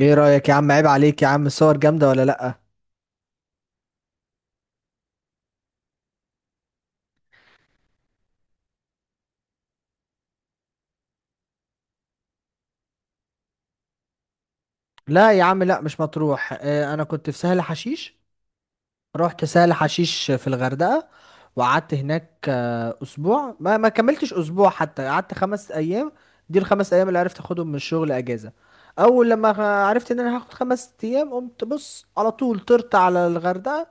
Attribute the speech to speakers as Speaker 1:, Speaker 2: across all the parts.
Speaker 1: ايه رأيك يا عم؟ عيب عليك يا عم، الصور جامدة ولا لأ؟ لا يا عم، لا مش مطروح، انا كنت في سهل حشيش. رحت سهل حشيش في الغردقة وقعدت هناك اسبوع، ما كملتش اسبوع، حتى قعدت 5 ايام. دي الخمس ايام اللي عرفت اخدهم من الشغل اجازة. اول لما عرفت ان انا هاخد 5 ايام، قمت بص، على طول طرت على الغردقة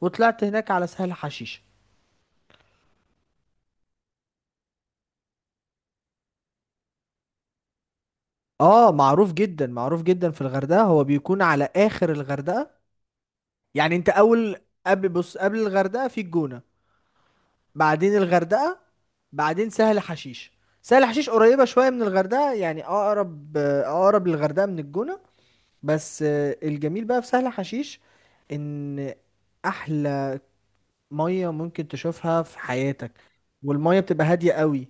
Speaker 1: وطلعت هناك على سهل حشيش. اه، معروف جدا معروف جدا في الغردقة، هو بيكون على اخر الغردقة، يعني انت اول، قبل، بص، قبل الغردقه في الجونه، بعدين الغردقه، بعدين سهل حشيش. سهل حشيش قريبه شويه من الغردقه، يعني اقرب اقرب للغردقه من الجونه. بس الجميل بقى في سهل حشيش، ان احلى ميه ممكن تشوفها في حياتك، والميه بتبقى هاديه قوي.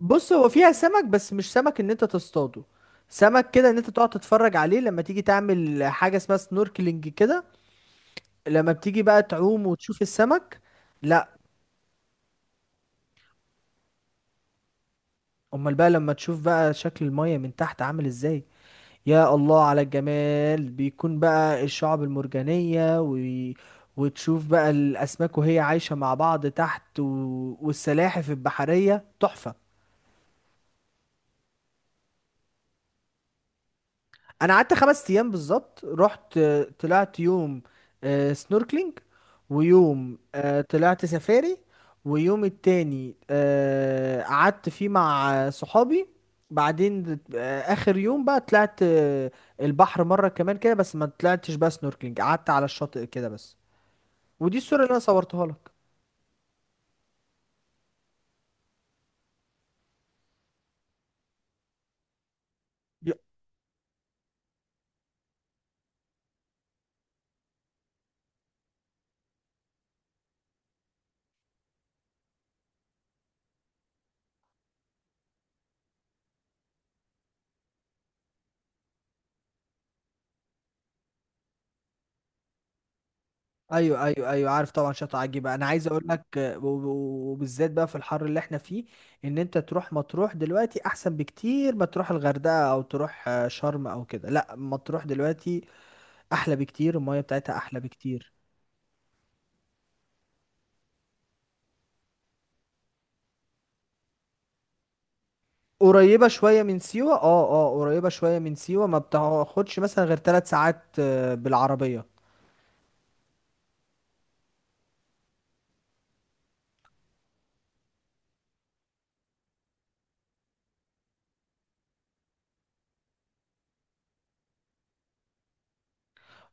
Speaker 1: بص هو فيها سمك، بس مش سمك ان انت تصطاده، سمك كده ان انت تقعد تتفرج عليه لما تيجي تعمل حاجه اسمها سنوركلينج كده، لما بتيجي بقى تعوم وتشوف السمك. لا. امال بقى لما تشوف بقى شكل المية من تحت عامل ازاي؟ يا الله على الجمال، بيكون بقى الشعب المرجانية و. وتشوف بقى الاسماك وهي عايشة مع بعض تحت و. والسلاحف البحرية تحفة. انا قعدت 5 ايام بالظبط، رحت، طلعت يوم سنوركلينج، ويوم طلعت سفاري، ويوم التاني قعدت فيه مع صحابي. بعدين اخر يوم بقى طلعت البحر مرة كمان كده، بس ما طلعتش بقى سنوركلينج، قعدت على الشاطئ كده بس. ودي الصورة اللي انا صورتها لك. ايوه، ايوه، ايوه، عارف طبعا شاطئ عجيبه. انا عايز اقول لك، وبالذات بقى في الحر اللي احنا فيه، ان انت تروح مطروح دلوقتي احسن بكتير ما تروح الغردقه او تروح شرم او كده. لا مطروح دلوقتي احلى بكتير، المايه بتاعتها احلى بكتير. قريبه شويه من سيوه، اه، اه، قريبه شويه من سيوه، ما بتاخدش مثلا غير 3 ساعات بالعربيه.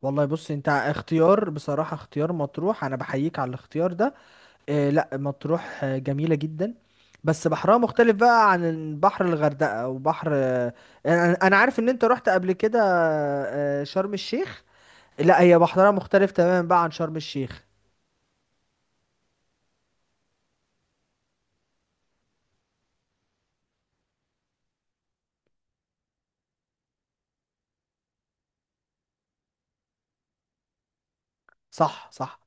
Speaker 1: والله بص، انت اختيار بصراحه، اختيار مطروح، انا بحييك على الاختيار ده. آه لا مطروح، جميلة جدا. بس بحرها مختلف بقى عن بحر الغردقة وبحر، انا عارف ان انت رحت قبل كده شرم الشيخ. لا هي بحرها مختلف تماما بقى عن شرم الشيخ. صح، صح.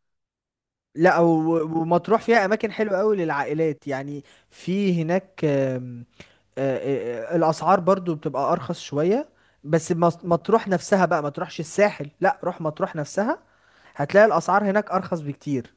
Speaker 1: لا، ومطروح فيها اماكن حلوة قوي للعائلات يعني. في هناك، آم، آه، آه، آه، الاسعار برضو بتبقى ارخص شوية. بس مطروح نفسها بقى، ما تروحش الساحل، لا روح مطروح نفسها، هتلاقي الاسعار هناك ارخص بكتير.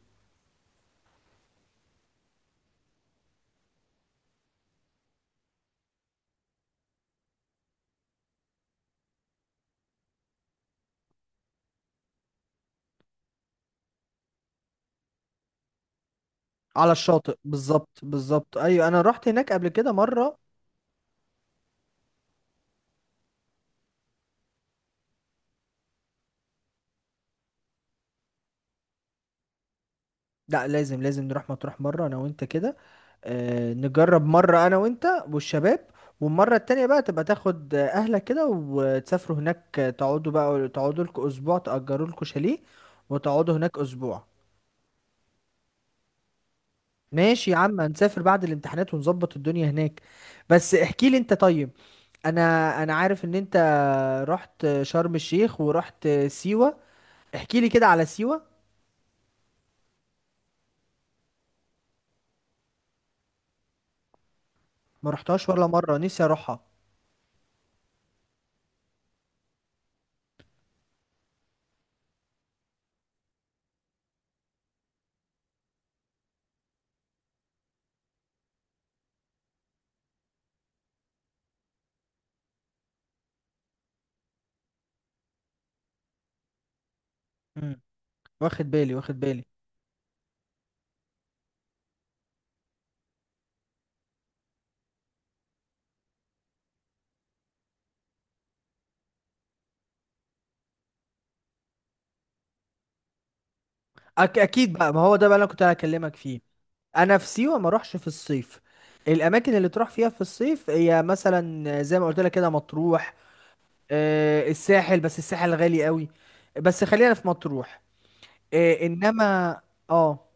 Speaker 1: على الشاطئ بالظبط بالظبط، ايوه انا رحت هناك قبل كده مره. لا، لازم لازم نروح مطروح مره انا وانت كده، نجرب مره انا وانت والشباب. والمره التانية بقى تبقى تاخد اهلك كده وتسافروا هناك، تقعدوا بقى، تقعدوا لكم اسبوع، تأجروا لكم شاليه وتقعدوا هناك اسبوع. ماشي يا عم، هنسافر بعد الامتحانات ونظبط الدنيا هناك. بس احكي لي انت طيب، انا انا عارف ان انت رحت شرم الشيخ ورحت سيوه، احكي لي كده على سيوه. ما رحتهاش ولا مره، نفسي اروحها. امم. واخد بالي، واخد بالي. اكيد بقى، ما هو ده بقى اللي أنا كنت هكلمك فيه. انا في سيوه ما اروحش في الصيف. الاماكن اللي تروح فيها في الصيف هي مثلا زي ما قلت لك كده مطروح، الساحل، بس الساحل غالي قوي. بس خلينا في مطروح، انما. اه،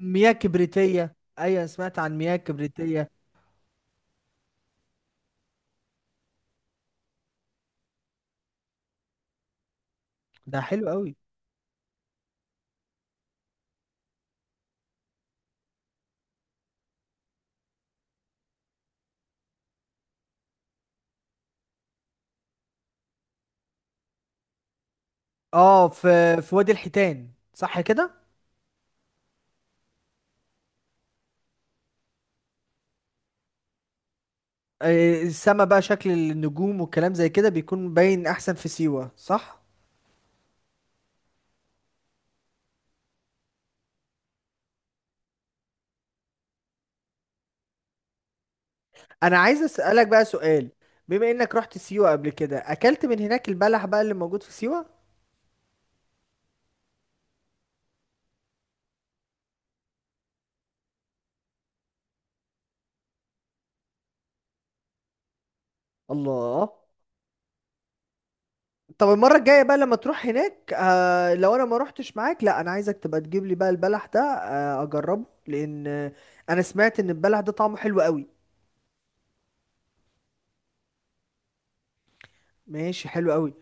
Speaker 1: مياه كبريتيه، ايوه سمعت عن مياه كبريتيه. ده حلو قوي. اه، في وادي الحيتان صح كده؟ السما بقى شكل النجوم والكلام زي كده بيكون باين احسن في سيوة صح؟ انا عايز اسالك بقى سؤال، بما انك رحت سيوة قبل كده، اكلت من هناك البلح بقى اللي موجود في سيوة؟ الله. طب المرة الجاية بقى لما تروح هناك، لو انا ما روحتش معاك، لا انا عايزك تبقى تجيب لي بقى البلح ده، اجربه لان انا سمعت ان البلح ده طعمه حلو قوي. ماشي، حلو قوي.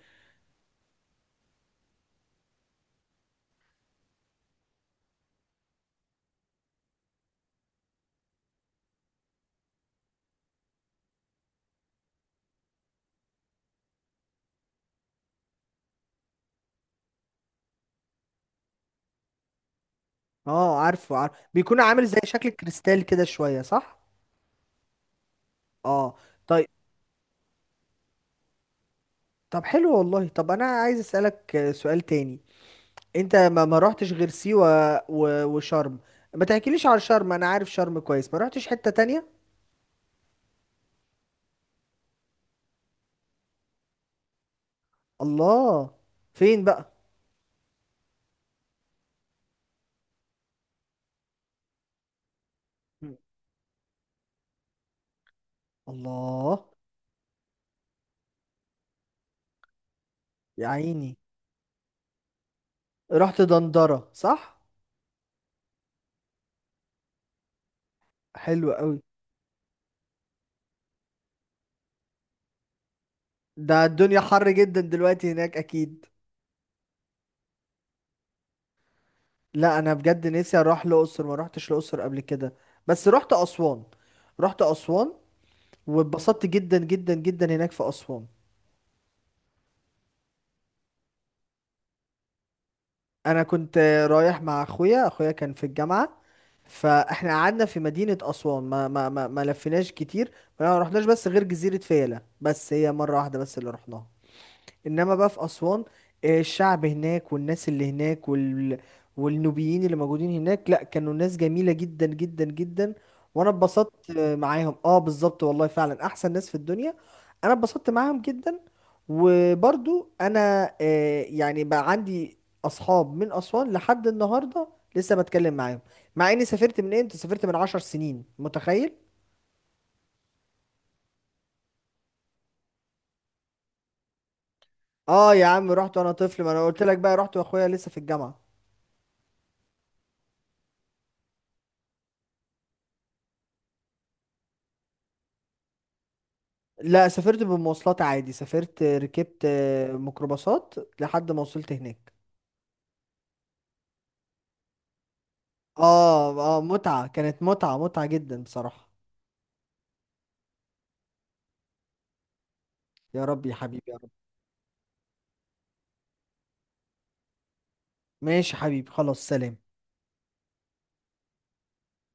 Speaker 1: اه، عارف بيكون عامل زي شكل الكريستال كده شوية صح؟ اه، طيب. طب حلو والله، طب انا عايز اسالك سؤال تاني. انت ما روحتش غير سيوة وشرم، ما تحكيليش على شرم، انا عارف شرم كويس، ما روحتش حتة تانية. الله، فين بقى؟ مم. الله. يا عيني. رحت دندرة صح؟ حلو قوي. ده الدنيا حر جدا دلوقتي هناك اكيد. لا انا بجد نفسي اروح الاقصر، ما روحتش الاقصر قبل كده. بس رحت اسوان، رحت اسوان واتبسطت جدا جدا جدا هناك في اسوان. انا كنت رايح مع اخويا، اخويا كان في الجامعه، فاحنا قعدنا في مدينه اسوان، ما لفيناش كتير، ما رحناش بس غير جزيره فيلة، بس هي مره واحده بس اللي رحناها. انما بقى في اسوان، الشعب هناك والناس اللي هناك والنوبيين اللي موجودين هناك، لا كانوا ناس جميلة جدا جدا جدا. وانا اتبسطت معاهم. اه بالظبط والله فعلا احسن ناس في الدنيا. انا اتبسطت معاهم جدا، وبرضو انا يعني بقى عندي اصحاب من اسوان لحد النهارده، لسه بتكلم معاهم، مع اني سافرت، من امتى سافرت؟ من 10 سنين متخيل؟ اه يا عم، رحت وانا طفل، ما انا قلت لك بقى رحت واخويا لسه في الجامعة. لا سافرت بمواصلات عادي، سافرت ركبت ميكروباصات لحد ما وصلت هناك. اه، اه، متعة، كانت متعة متعة جدا بصراحة. يا رب يا حبيبي يا رب. ماشي حبيبي، خلاص، سلام.